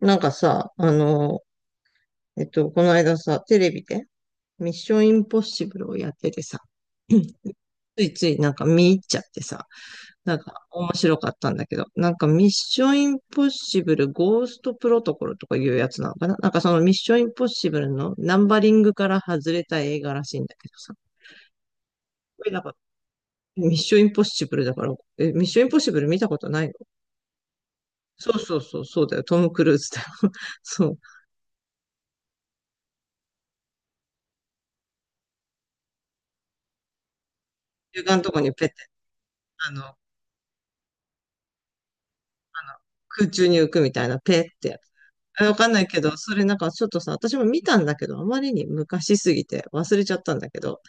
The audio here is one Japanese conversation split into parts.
なんかさ、この間さ、テレビで、ミッションインポッシブルをやっててさ、うん。ついついなんか見入っちゃってさ、なんか面白かったんだけど、なんかミッションインポッシブルゴーストプロトコルとかいうやつなのかな。なんかそのミッションインポッシブルのナンバリングから外れた映画らしいんだけどさ、これなんかミッションインポッシブルだから、え、ミッションインポッシブル見たことないの？そうそうそう、そうだよ、トム・クルーズだよ。そう。中間のとこにペッて、あの、あの、空中に浮くみたいな、ペってやつ。えわかんないけど、それなんかちょっとさ、私も見たんだけど、あまりに昔すぎて忘れちゃったんだけど、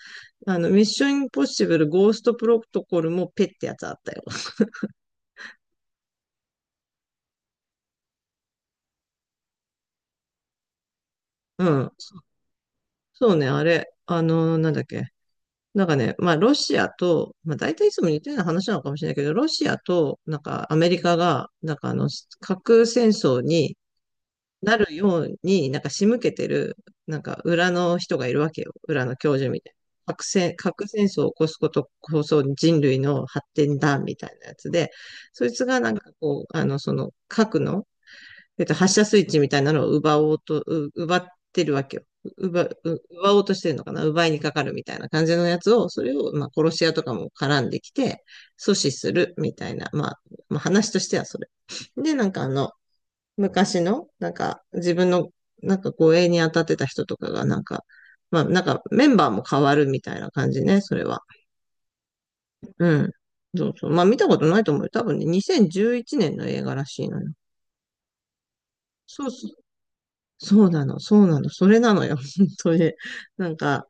ミッションインポッシブルゴーストプロトコルもペってやつあったよ。うん。そうね、あれ、なんだっけ。なんかね、まあ、ロシアと、まあ、大体いつも似たような話なのかもしれないけど、ロシアと、なんか、アメリカが、なんか、核戦争に、なるように、なんか仕向けてる、なんか裏の人がいるわけよ。裏の教授みたいな。核戦争を起こすことこそ人類の発展だ、みたいなやつで、そいつがなんかこう、その核の、発射スイッチみたいなのを奪おうと、奪ってるわけよ。奪おうとしてるのかな。奪いにかかるみたいな感じのやつを、それを、まあ、殺し屋とかも絡んできて、阻止するみたいな、まあ、まあ、話としてはそれ。で、なんか昔の、なんか、自分の、なんか護衛に当たってた人とかが、なんか、まあ、なんか、メンバーも変わるみたいな感じね、それは。うん。そうそう。まあ、見たことないと思うよ。多分ね、2011年の映画らしいのよ。そうそう。そうなの、そうなの、それなのよ、本当に。なんか、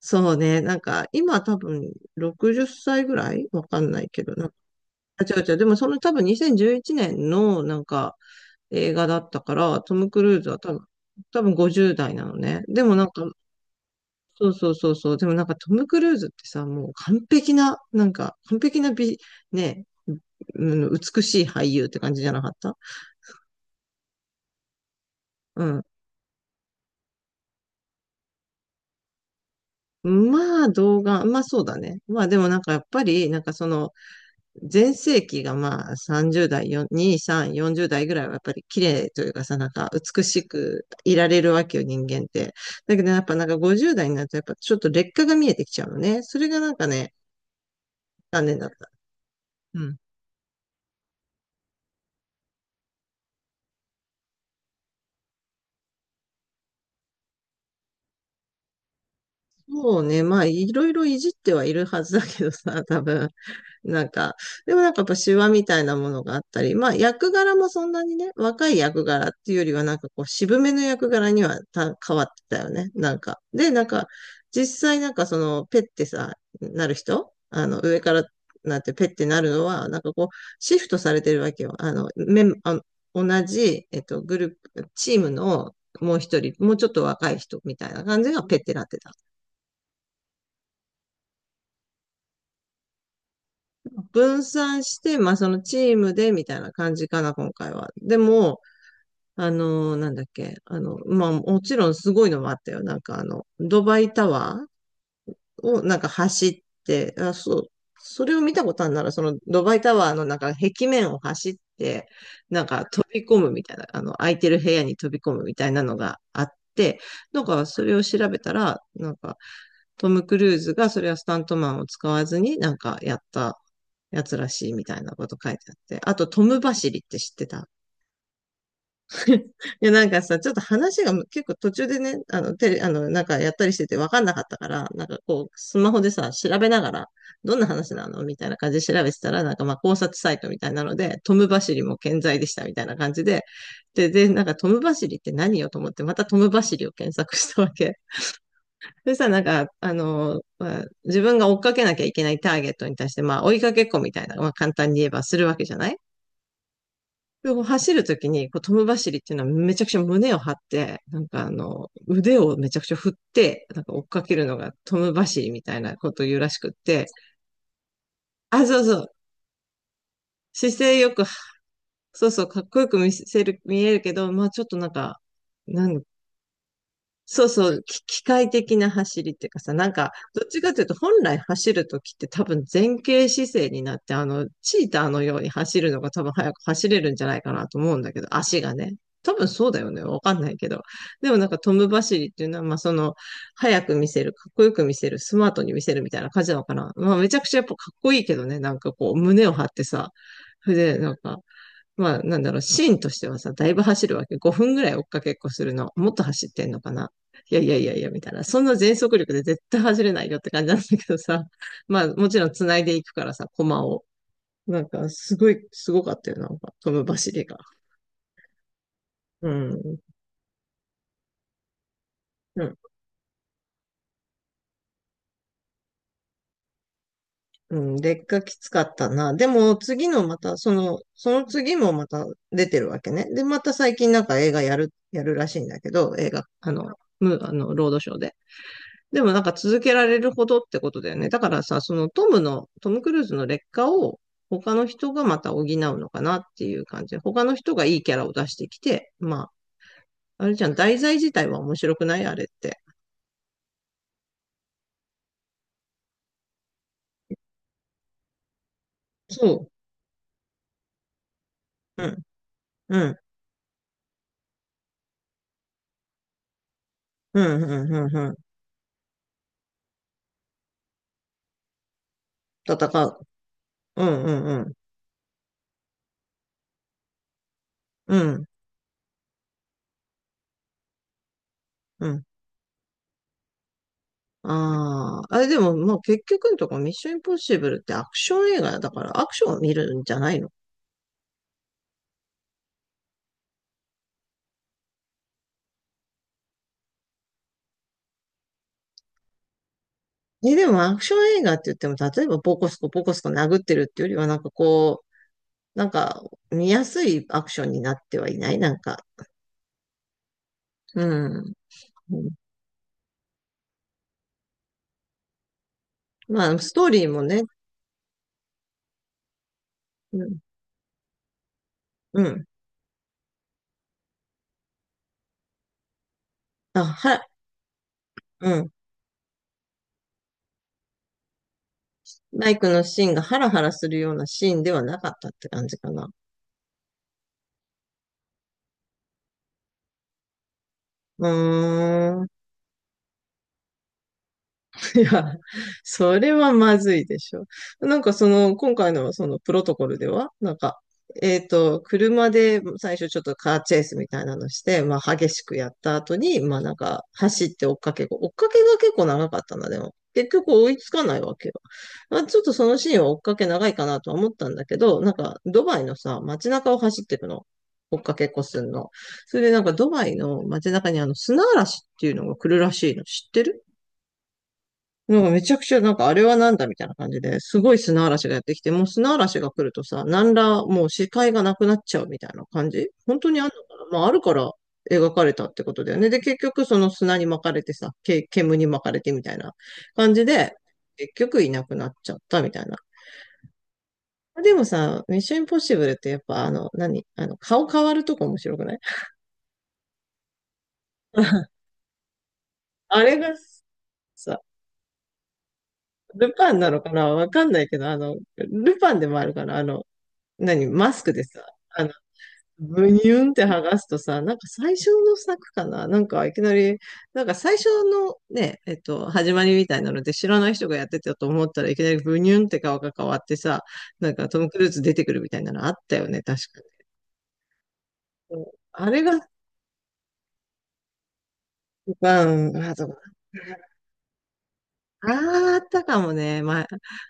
そうね、なんか、今多分60歳ぐらいわかんないけど、なんか、あ、違う違う、でもその多分2011年の、なんか、映画だったから、トム・クルーズは多分、50代なのね。でもなんか、そうそうそうそう。でもなんかトム・クルーズってさ、もう完璧な、なんか、完璧な美、ね、うん、美しい俳優って感じじゃなかった？うん。まあ動画、まあそうだね。まあでもなんかやっぱり、なんかその、全盛期がまあ30代、2、3、40代ぐらいはやっぱり綺麗というかさ、なんか美しくいられるわけよ、人間って。だけどやっぱなんか50代になるとやっぱちょっと劣化が見えてきちゃうのね。それがなんかね、残念だった。うん。もうね、まあいろいろいじってはいるはずだけどさ、多分。なんか、でもなんかやっぱ手話みたいなものがあったり、まあ役柄もそんなにね、若い役柄っていうよりはなんかこう渋めの役柄には変わってたよね、なんか。で、なんか、実際なんかそのペッてさ、なる人、上からなんてペッてなるのは、なんかこう、シフトされてるわけよ。あの、メン、あの同じ、グループ、チームのもう一人、もうちょっと若い人みたいな感じがペッてなってた。分散して、まあそのチームでみたいな感じかな、今回は。でも、なんだっけ、まあもちろんすごいのもあったよ。なんかドバイタワーをなんか走って、あ、そう、それを見たことあるなら、そのドバイタワーのなんか壁面を走って、なんか飛び込むみたいな、空いてる部屋に飛び込むみたいなのがあって、なんかそれを調べたら、なんかトム・クルーズがそれはスタントマンを使わずになんかやったやつらしいみたいなこと書いてあって、あとトム走りって知ってた？いや、なんかさ、ちょっと話が結構途中でね、あの、テレ、あの、なんかやったりしてて分かんなかったから、なんかこう、スマホでさ、調べながら、どんな話なのみたいな感じで調べてたら、なんかまあ考察サイトみたいなので、トム・バシリも健在でしたみたいな感じで、で、なんかトム・バシリって何よと思って、またトム・バシリを検索したわけ。でさ、なんか、まあ自分が追っかけなきゃいけないターゲットに対して、まあ追いかけっこみたいな、まあ簡単に言えばするわけじゃない？でも走るときに、こう、トム走りっていうのはめちゃくちゃ胸を張って、なんか腕をめちゃくちゃ振って、なんか追っかけるのがトム走りみたいなことを言うらしくって、あ、そうそう、姿勢よく、そうそう、かっこよく見せる、見えるけど、まあちょっとなんか、なんそうそう、機械的な走りっていうかさ、なんか、どっちかというと、本来走るときって多分前傾姿勢になって、チーターのように走るのが多分早く走れるんじゃないかなと思うんだけど、足がね。多分そうだよね。わかんないけど。でもなんかトム走りっていうのは、まあその、早く見せる、かっこよく見せる、スマートに見せるみたいな感じなのかな。まあめちゃくちゃやっぱかっこいいけどね。なんかこう、胸を張ってさ。それで、なんか、まあ、なんだろう、シーンとしてはさ、だいぶ走るわけ。5分ぐらい追っかけっこするの。もっと走ってんのかな。いやいやいやいや、みたいな。そんな全速力で絶対走れないよって感じなんだけどさ。まあ、もちろん繋いでいくからさ、駒を。なんか、すごい、すごかったよ、なんか、その走りが。うん。うん。うん。劣化きつかったな。でも、次のまた、その、その次もまた出てるわけね。で、また最近なんか映画やる、らしいんだけど、映画、あの、む、あの、ロードショーで。でもなんか続けられるほどってことだよね。だからさ、トム・クルーズの劣化を他の人がまた補うのかなっていう感じで。他の人がいいキャラを出してきて、まあ、あれじゃん、題材自体は面白くないあれって。そう。うん、うん、うん、うん、うん、うん。戦う。うん、うん、うん、うん、うん。ああ、あれでも、まあ結局のところミッションインポッシブルってアクション映画だからアクションを見るんじゃないの？え、でもアクション映画って言っても、例えばボコスコボコスコ殴ってるっていうよりは、なんかこなんか、見やすいアクションになってはいない、なんか。うん。うん。まあ、ストーリーもね、うん。うん。あ、は、うん。バイクのシーンがハラハラするようなシーンではなかったって感じかな。うーん。いや、それはまずいでしょ。その、今回のそのプロトコルでは、車で最初ちょっとカーチェイスみたいなのして、まあ激しくやった後に、まあ走って追っかけが結構長かったな、でも。結局追いつかないわけよ。まあちょっとそのシーンは追っかけ長いかなとは思ったんだけど、なんかドバイのさ、街中を走ってるの。追っかけっこすんの。それでなんかドバイの街中にあの砂嵐っていうのが来るらしいの。知ってる？なんかめちゃくちゃ、なんかあれはなんだみたいな感じで、すごい砂嵐がやってきて、もう砂嵐が来るとさ、何らもう視界がなくなっちゃうみたいな感じ、本当にあるのかな。まああるから描かれたってことだよね。で、結局その砂に巻かれてさ、煙に巻かれてみたいな感じで、結局いなくなっちゃったみたいな。でもさ、ミッションインポッシブルってやっぱあの、何あの、顔変わるとこ面白くない？ あれがさ、ルパンなのかなわかんないけど、あの、ルパンでもあるかなあの、何、マスクでさ、あの、ブニュンって剥がすとさ、なんか最初の作かななんかいきなり、なんか最初のね、始まりみたいなので知らない人がやってたと思ったらいきなりブニュンって顔が変わってさ、なんかトム・クルーズ出てくるみたいなのあったよね、確かに。そうあれが、うん、あ、そうか。ああったかもね。まあ、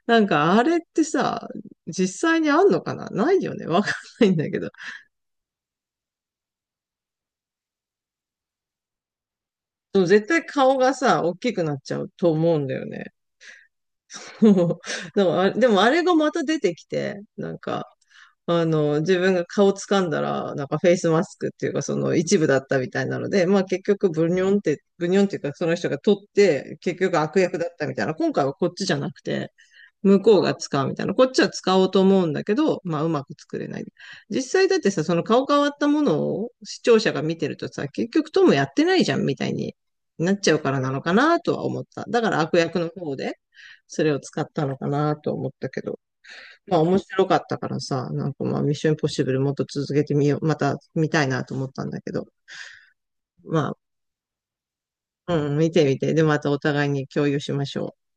なんかあれってさ、実際にあんのかな。ないよね。わかんないんだけど。でも絶対顔がさ、大きくなっちゃうと思うんだよね。そう。 でもあれ、でもあれがまた出てきて、なんか、あの、自分が顔掴んだら、なんかフェイスマスクっていうか、その一部だったみたいなので、まあ結局ブニョンって、ブニョンっていうか、その人が取って、結局悪役だったみたいな。今回はこっちじゃなくて、向こうが使うみたいな。こっちは使おうと思うんだけど、まあうまく作れない。実際だってさ、その顔変わったものを視聴者が見てるとさ、結局トムやってないじゃんみたいになっちゃうからなのかなとは思った。だから悪役の方で、それを使ったのかなと思ったけど。まあ面白かったからさ、なんかまあミッションインポッシブルもっと続けてみよう、また見たいなと思ったんだけど、まあ、うん、見てみて、でまたお互いに共有しましょう。